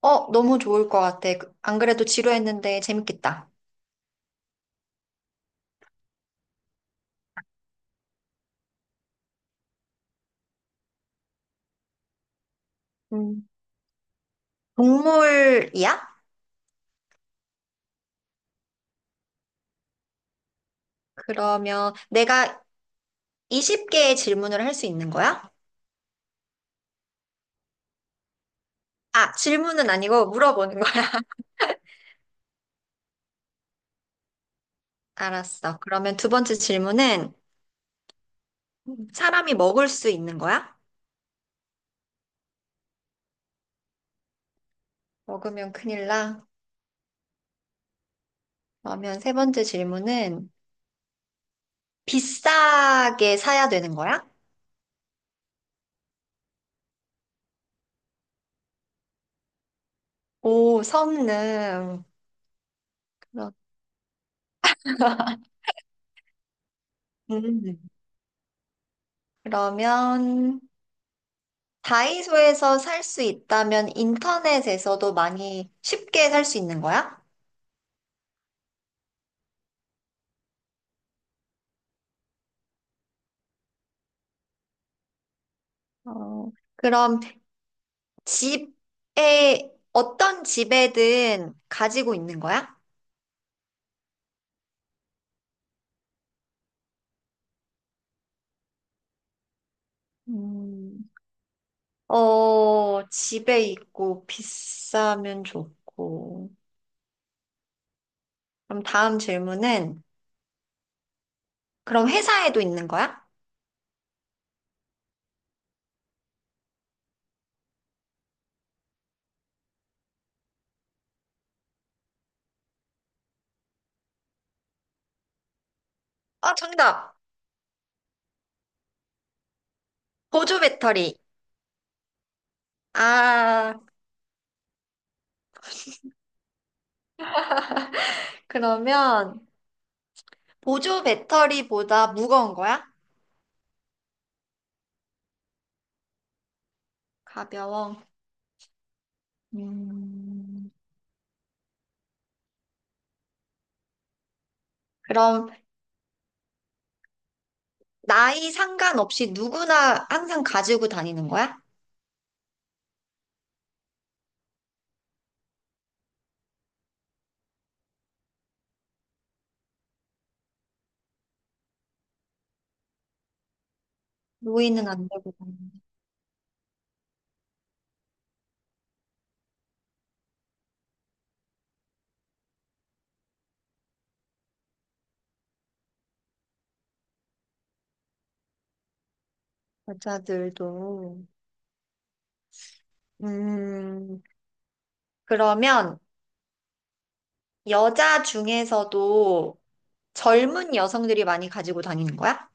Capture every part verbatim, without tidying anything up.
어, 너무 좋을 것 같아. 그- 안 그래도 지루했는데 재밌겠다. 음. 동물이야? 그러면 내가 이십 개의 질문을 할 수 있는 거야? 아, 질문은 아니고 물어보는 거야. 알았어. 그러면 두 번째 질문은 사람이 먹을 수 있는 거야? 먹으면 큰일 나. 그러면 세 번째 질문은 비싸게 사야 되는 거야? 오, 성능. 그렇- 음. 그러면 다이소에서 살 수 있다면 인터넷에서도 많이 쉽게 살 수 있는 거야? 어, 그럼 집에, 어떤 집에든 가지고 있는 거야? 음, 어, 집에 있고 비싸면 좋고. 그럼 다음 질문은, 그럼 회사에도 있는 거야? 아, 정답! 보조 배터리. 아, 그러면 보조 배터리보다 무거운 거야? 가벼워. 음, 그럼 나이 상관없이 누구나 항상 가지고 다니는 거야? 노인은 안 되고 여자들도. 음, 그러면 여자 중에서도 젊은 여성들이 많이 가지고 다니는 거야?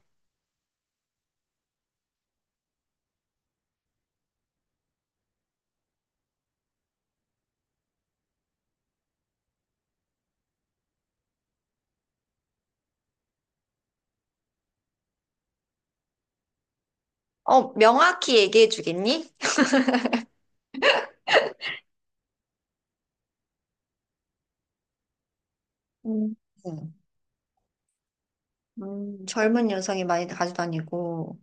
어, 명확히 얘기해 주겠니? 음, 음, 젊은 여성이 많이 가지고 다니고.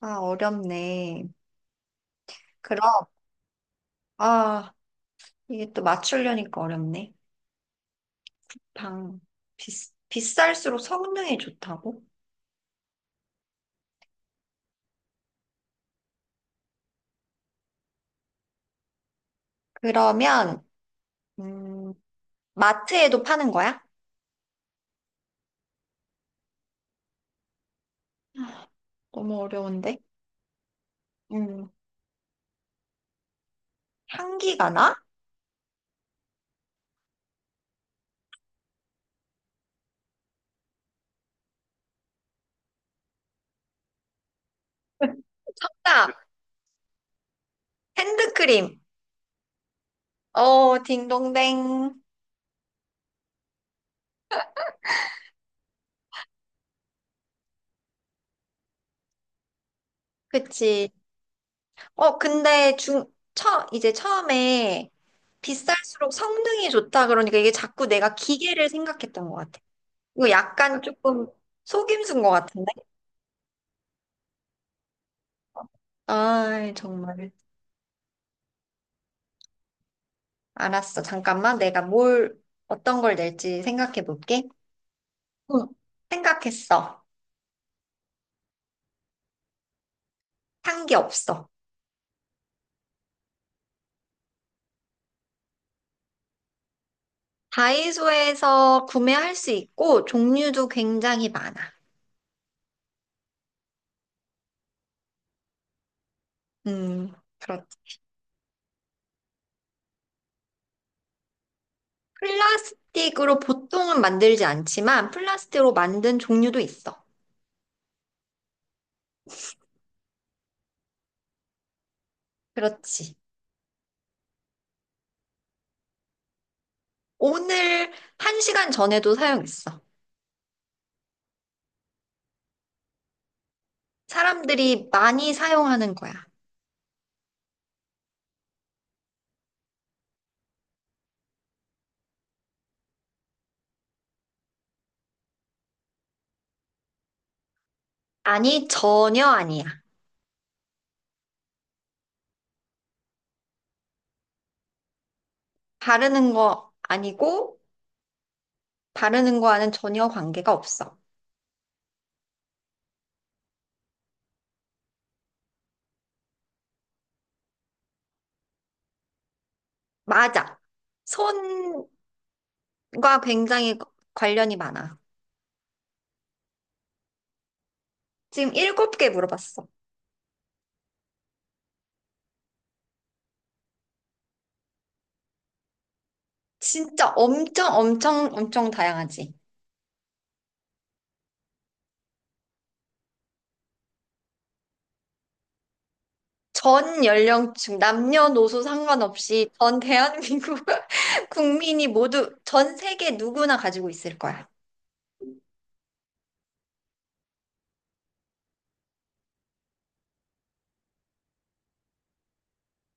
아, 어렵네. 그럼, 아, 이게 또 맞추려니까 어렵네. 방, 비, 비쌀수록 성능이 좋다고? 그러면, 음, 마트에도 파는 거야? 너무 어려운데. 음, 향기가 나? 정답! 핸드크림. 어, 딩동댕. 그치. 어, 근데 중, 처, 이제 처음에 비쌀수록 성능이 좋다 그러니까 이게 자꾸 내가 기계를 생각했던 것 같아. 이거 약간 조금 속임수인 것 같은데? 아, 정말. 알았어. 잠깐만. 내가 뭘, 어떤 걸 낼지 생각해 볼게. 응. 생각했어. 향기 없어. 다이소에서 구매할 수 있고 종류도 굉장히 많아. 음, 그렇, 플라스틱으로 보통은 만들지 않지만 플라스틱으로 만든 종류도 있어. 그렇지. 오늘 한 시간 전에도 사용했어. 사람들이 많이 사용하는 거야. 아니, 전혀 아니야. 바르는 거 아니고 바르는 거와는 전혀 관계가 없어. 맞아. 손과 굉장히 관련이 많아. 지금 일곱 개 물어봤어. 진짜 엄청 엄청 엄청 다양하지. 전 연령층, 남녀노소 상관없이 전 대한민국 국민이 모두 전 세계 누구나 가지고 있을 거야.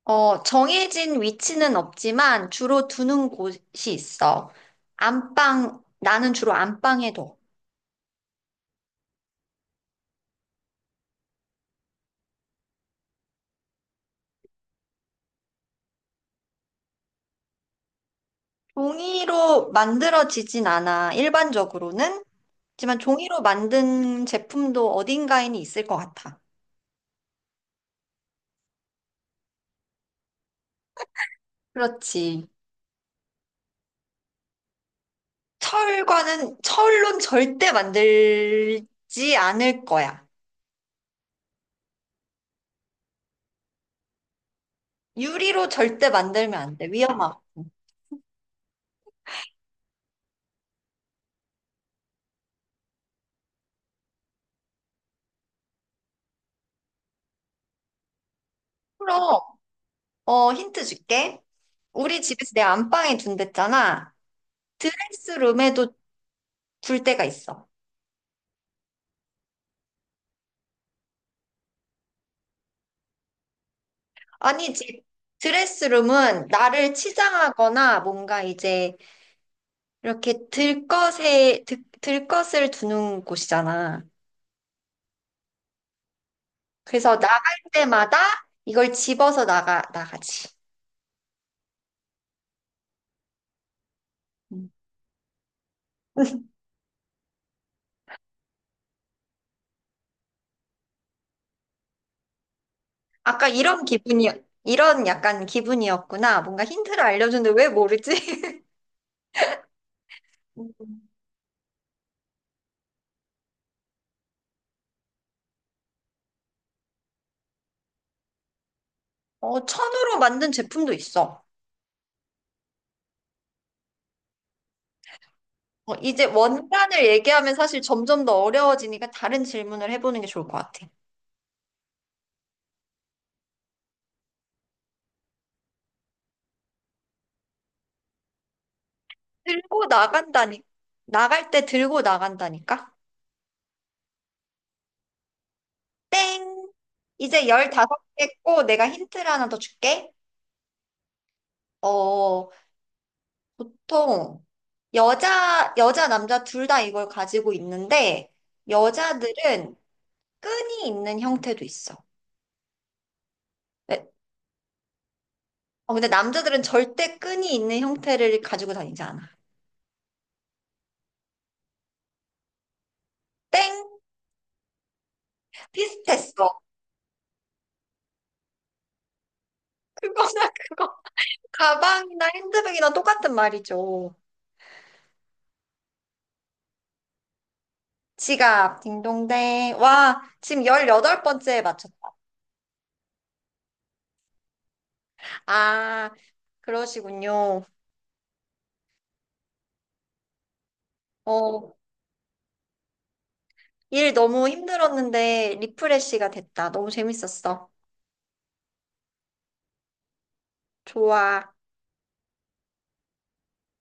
어, 정해진 위치는 없지만 주로 두는 곳이 있어. 안방, 나는 주로 안방에 둬. 종이로 만들어지진 않아, 일반적으로는. 하지만 종이로 만든 제품도 어딘가에는 있을 것 같아. 그렇지. 철과는 철론 절대 만들지 않을 거야. 유리로 절대 만들면 안 돼. 위험하고. 그럼, 어, 힌트 줄게. 우리 집에서 내 안방에 둔댔잖아. 드레스룸에도 둘 때가 있어. 아니지. 드레스룸은 나를 치장하거나 뭔가 이제 이렇게 들 것에, 들, 들 것을 두는 곳이잖아. 그래서 나갈 때마다 이걸 집어서 나가, 나가지. 음. 아까 이런 기분이, 이런 약간 기분이었구나. 뭔가 힌트를 알려줬는데 왜 모르지? 음. 어, 천으로 만든 제품도 있어. 어, 이제 원단을 얘기하면 사실 점점 더 어려워지니까 다른 질문을 해보는 게 좋을 것 같아. 들고 나간다니, 나갈 때 들고 나간다니까? 땡! 이제 열다섯 개 했고, 내가 힌트를 하나 더 줄게. 어, 보통, 여자, 여자, 남자 둘 다 이걸 가지고 있는데, 여자들은 끈이 있는 형태도 있어. 네. 어, 근데 남자들은 절대 끈이 있는 형태를 가지고 다니지 않아. 땡! 비슷했어. 그거나 그거. 가방이나 핸드백이나 똑같은 말이죠. 지갑, 딩동댕. 와, 지금 열여덟 번째에 맞췄다. 아, 그러시군요. 어, 일 너무 힘들었는데 리프레쉬가 됐다. 너무 재밌었어. 좋아.